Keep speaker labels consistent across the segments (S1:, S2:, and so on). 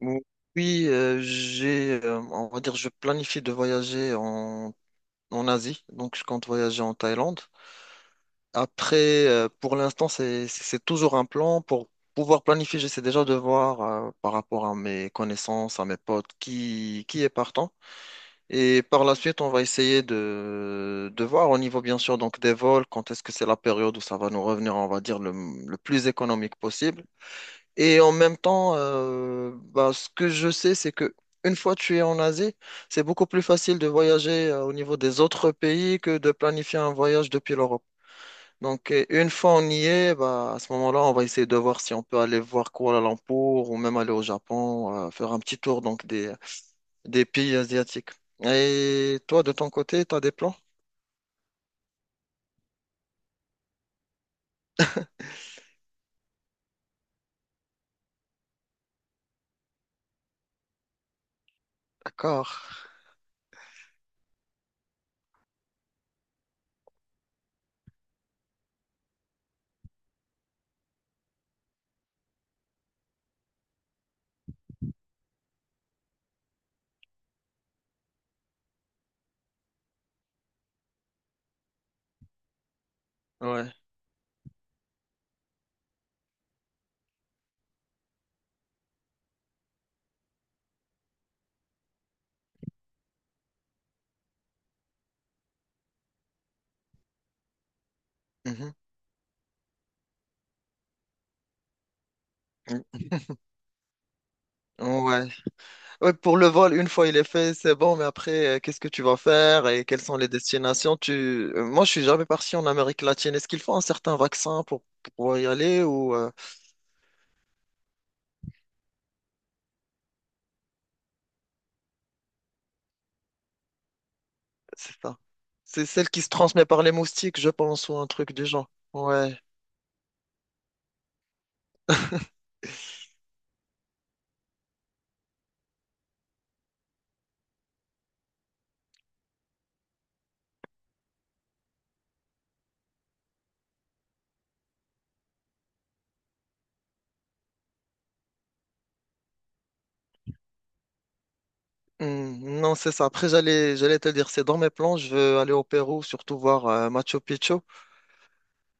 S1: Ou- Oui, j'ai, on va dire, je planifie de voyager en Asie, donc je compte voyager en Thaïlande. Après, pour l'instant, c'est toujours un plan. Pour pouvoir planifier, j'essaie déjà de voir par rapport à mes connaissances, à mes potes, qui est partant. Et par la suite, on va essayer de voir au niveau, bien sûr, donc des vols, quand est-ce que c'est la période où ça va nous revenir, on va dire, le plus économique possible. Et en même temps, ce que je sais, c'est que une fois tu es en Asie, c'est beaucoup plus facile de voyager au niveau des autres pays que de planifier un voyage depuis l'Europe. Donc, une fois on y est, bah, à ce moment-là, on va essayer de voir si on peut aller voir Kuala Lumpur ou même aller au Japon, faire un petit tour donc des pays asiatiques. Et toi, de ton côté, tu as des plans? D'accord. Ouais. Mhm. Mm. Ouais. Ouais, pour le vol, une fois il est fait, c'est bon, mais après, qu'est-ce que tu vas faire et quelles sont les destinations? Moi, je suis jamais parti en Amérique latine. Est-ce qu'il faut un certain vaccin pour pouvoir y aller ou c'est ça? C'est celle qui se transmet par les moustiques, je pense, ou un truc du genre. Ouais. Non, c'est ça. Après, j'allais te dire, c'est dans mes plans, je veux aller au Pérou, surtout voir Machu Picchu.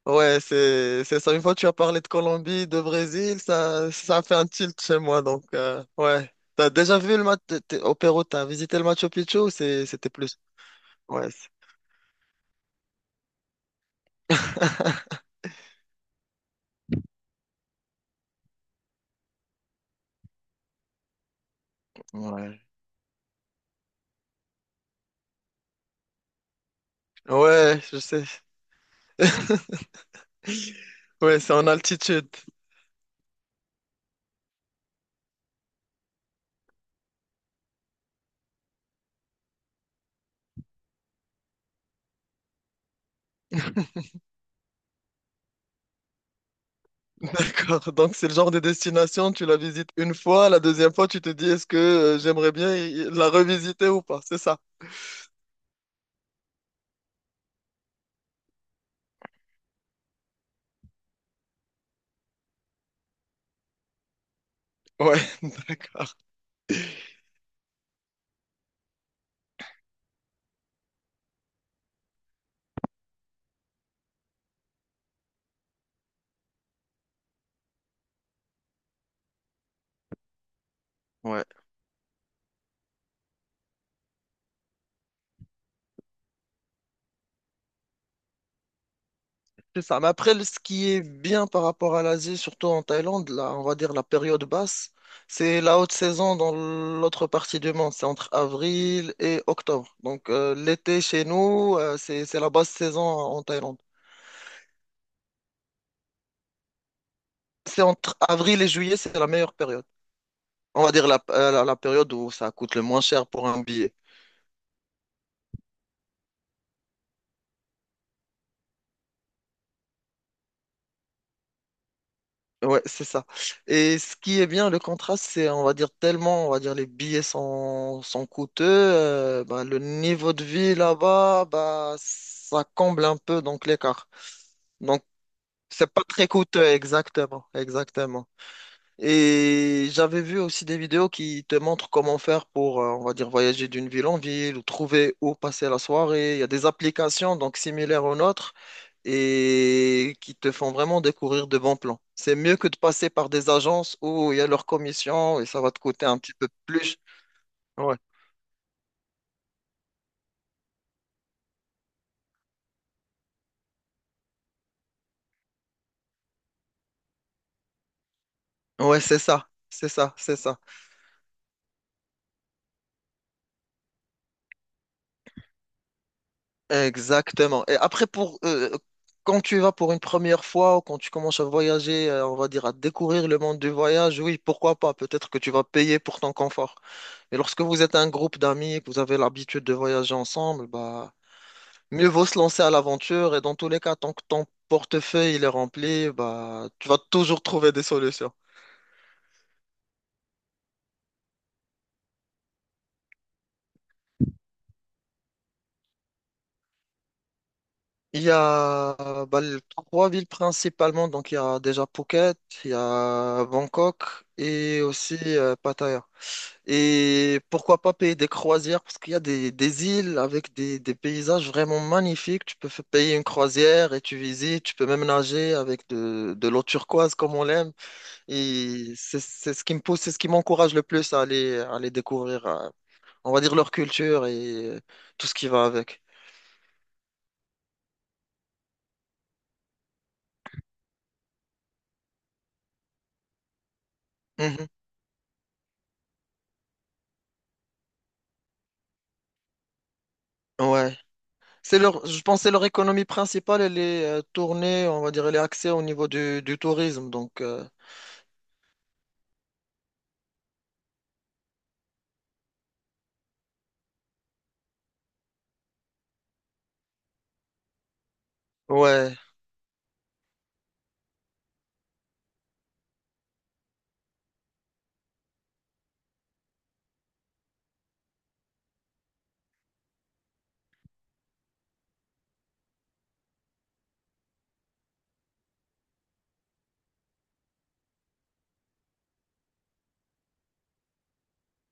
S1: Ouais, c'est ça. Une fois tu as parlé de Colombie, de Brésil, ça a fait un tilt chez moi. Donc ouais, t'as déjà vu le match t'es au Pérou, t'as visité le Machu Picchu ou c'était plus? Ouais, c'est- ouais, ouais, je sais. Ouais, c'est en altitude. D'accord. Donc c'est le genre de destination, tu la visites une fois, la deuxième fois, tu te dis est-ce que j'aimerais bien la revisiter ou pas? C'est ça. Ouais, d'accord. Ouais. C'est ça. Mais après, ce qui est bien par rapport à l'Asie, surtout en Thaïlande, là, on va dire la période basse, c'est la haute saison dans l'autre partie du monde. C'est entre avril et octobre. Donc, l'été chez nous, c'est la basse saison en Thaïlande. C'est entre avril et juillet, c'est la meilleure période. On va dire la, la période où ça coûte le moins cher pour un billet. Ouais, c'est ça. Et ce qui est bien, le contraste, c'est, on va dire, tellement, on va dire, les billets sont coûteux, le niveau de vie là-bas, bah, ça comble un peu donc l'écart. Donc, c'est pas très coûteux, exactement, exactement. Et j'avais vu aussi des vidéos qui te montrent comment faire pour, on va dire, voyager d'une ville en ville ou trouver où passer la soirée. Il y a des applications donc similaires aux nôtres et qui te font vraiment découvrir de bons plans. C'est mieux que de passer par des agences où il y a leur commission et ça va te coûter un petit peu plus. Ouais, ouais, c'est ça, c'est ça, c'est ça. Exactement. Et après, pour quand tu vas pour une première fois ou quand tu commences à voyager, on va dire à découvrir le monde du voyage, oui, pourquoi pas? Peut-être que tu vas payer pour ton confort. Mais lorsque vous êtes un groupe d'amis et que vous avez l'habitude de voyager ensemble, bah mieux vaut se lancer à l'aventure. Et dans tous les cas, tant que ton portefeuille il est rempli, bah tu vas toujours trouver des solutions. Il y a trois villes principalement, donc il y a déjà Phuket, il y a Bangkok et aussi Pattaya. Et pourquoi pas payer des croisières? Parce qu'il y a des îles avec des paysages vraiment magnifiques. Tu peux payer une croisière et tu visites. Tu peux même nager avec de l'eau turquoise comme on l'aime. Et c'est ce qui me pousse, c'est ce qui m'encourage le plus à à aller découvrir, on va dire, leur culture et tout ce qui va avec. Mhm. Ouais. C'est leur, je pense que c'est leur économie principale. Elle est tournée, on va dire, elle est axée au niveau du tourisme. Donc, ouais.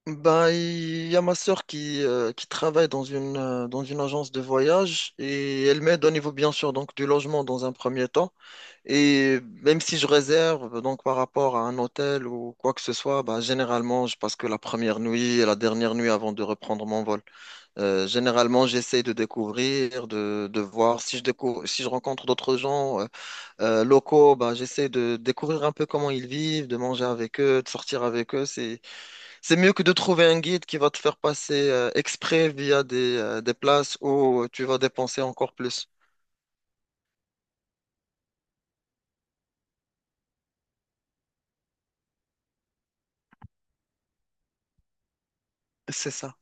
S1: Ben, il y a ma sœur qui travaille dans dans une agence de voyage et elle m'aide au niveau, bien sûr, donc du logement dans un premier temps. Et même si je réserve, donc par rapport à un hôtel ou quoi que ce soit, ben, généralement, je passe que la première nuit et la dernière nuit avant de reprendre mon vol. Généralement, j'essaie de découvrir, de voir si je découvre, si je rencontre d'autres gens locaux, ben, j'essaie de découvrir un peu comment ils vivent, de manger avec eux, de sortir avec eux. C'est mieux que de trouver un guide qui va te faire passer exprès via des places où tu vas dépenser encore plus. C'est ça.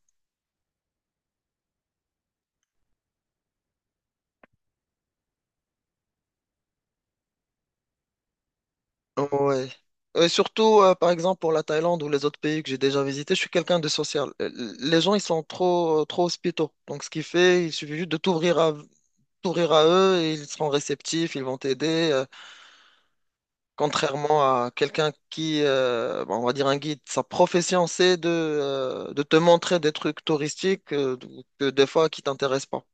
S1: Ouais. Et surtout, par exemple, pour la Thaïlande ou les autres pays que j'ai déjà visités, je suis quelqu'un de social. Les gens, ils sont trop, trop hospitaux. Donc, ce qui fait, il suffit juste de t'ouvrir à, t'ouvrir à eux et ils seront réceptifs, ils vont t'aider. Contrairement à quelqu'un qui, bon, on va dire un guide, sa profession, c'est de te montrer des trucs touristiques que des fois qui t'intéressent pas.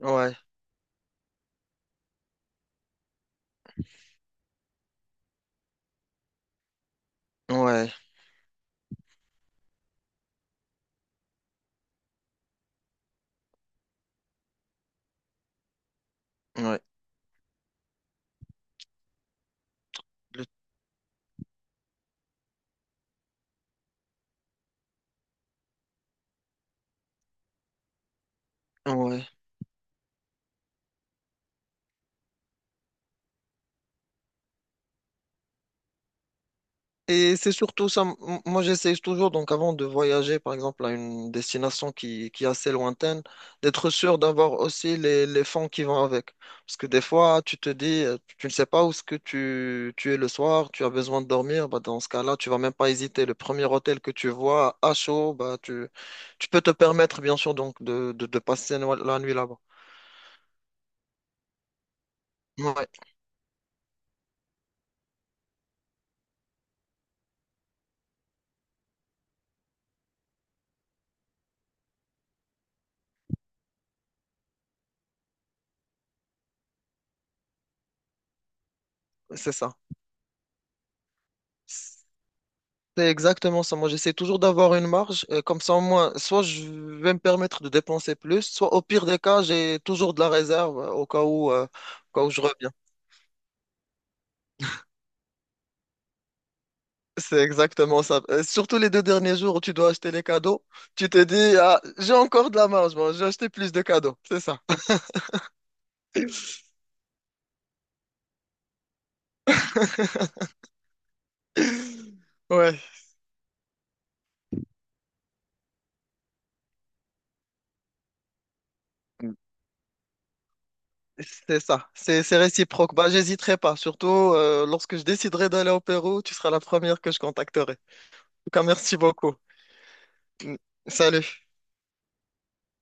S1: Ouais, ouais, ouais, le- ouais. Et c'est surtout ça, moi j'essaie toujours, donc avant de voyager par exemple à une destination qui est assez lointaine, d'être sûr d'avoir aussi les fonds qui vont avec. Parce que des fois, tu te dis, tu ne sais pas où ce que tu es le soir, tu as besoin de dormir, bah, dans ce cas-là, tu vas même pas hésiter. Le premier hôtel que tu vois à chaud, tu peux te permettre bien sûr donc de passer la nuit là-bas. Ouais, c'est ça. C'est exactement ça. Moi, j'essaie toujours d'avoir une marge. Euh, comme ça, au moins, soit je vais me permettre de dépenser plus, soit au pire des cas, j'ai toujours de la réserve au cas où je reviens. C'est exactement ça. Surtout les deux derniers jours où tu dois acheter les cadeaux, tu te dis, ah, j'ai encore de la marge, moi, j'ai acheté plus de cadeaux. C'est ça. Ouais. C'est ça, c'est réciproque. Bah, j'hésiterai pas, surtout lorsque je déciderai d'aller au Pérou, tu seras la première que je contacterai. En tout cas, merci beaucoup. Salut.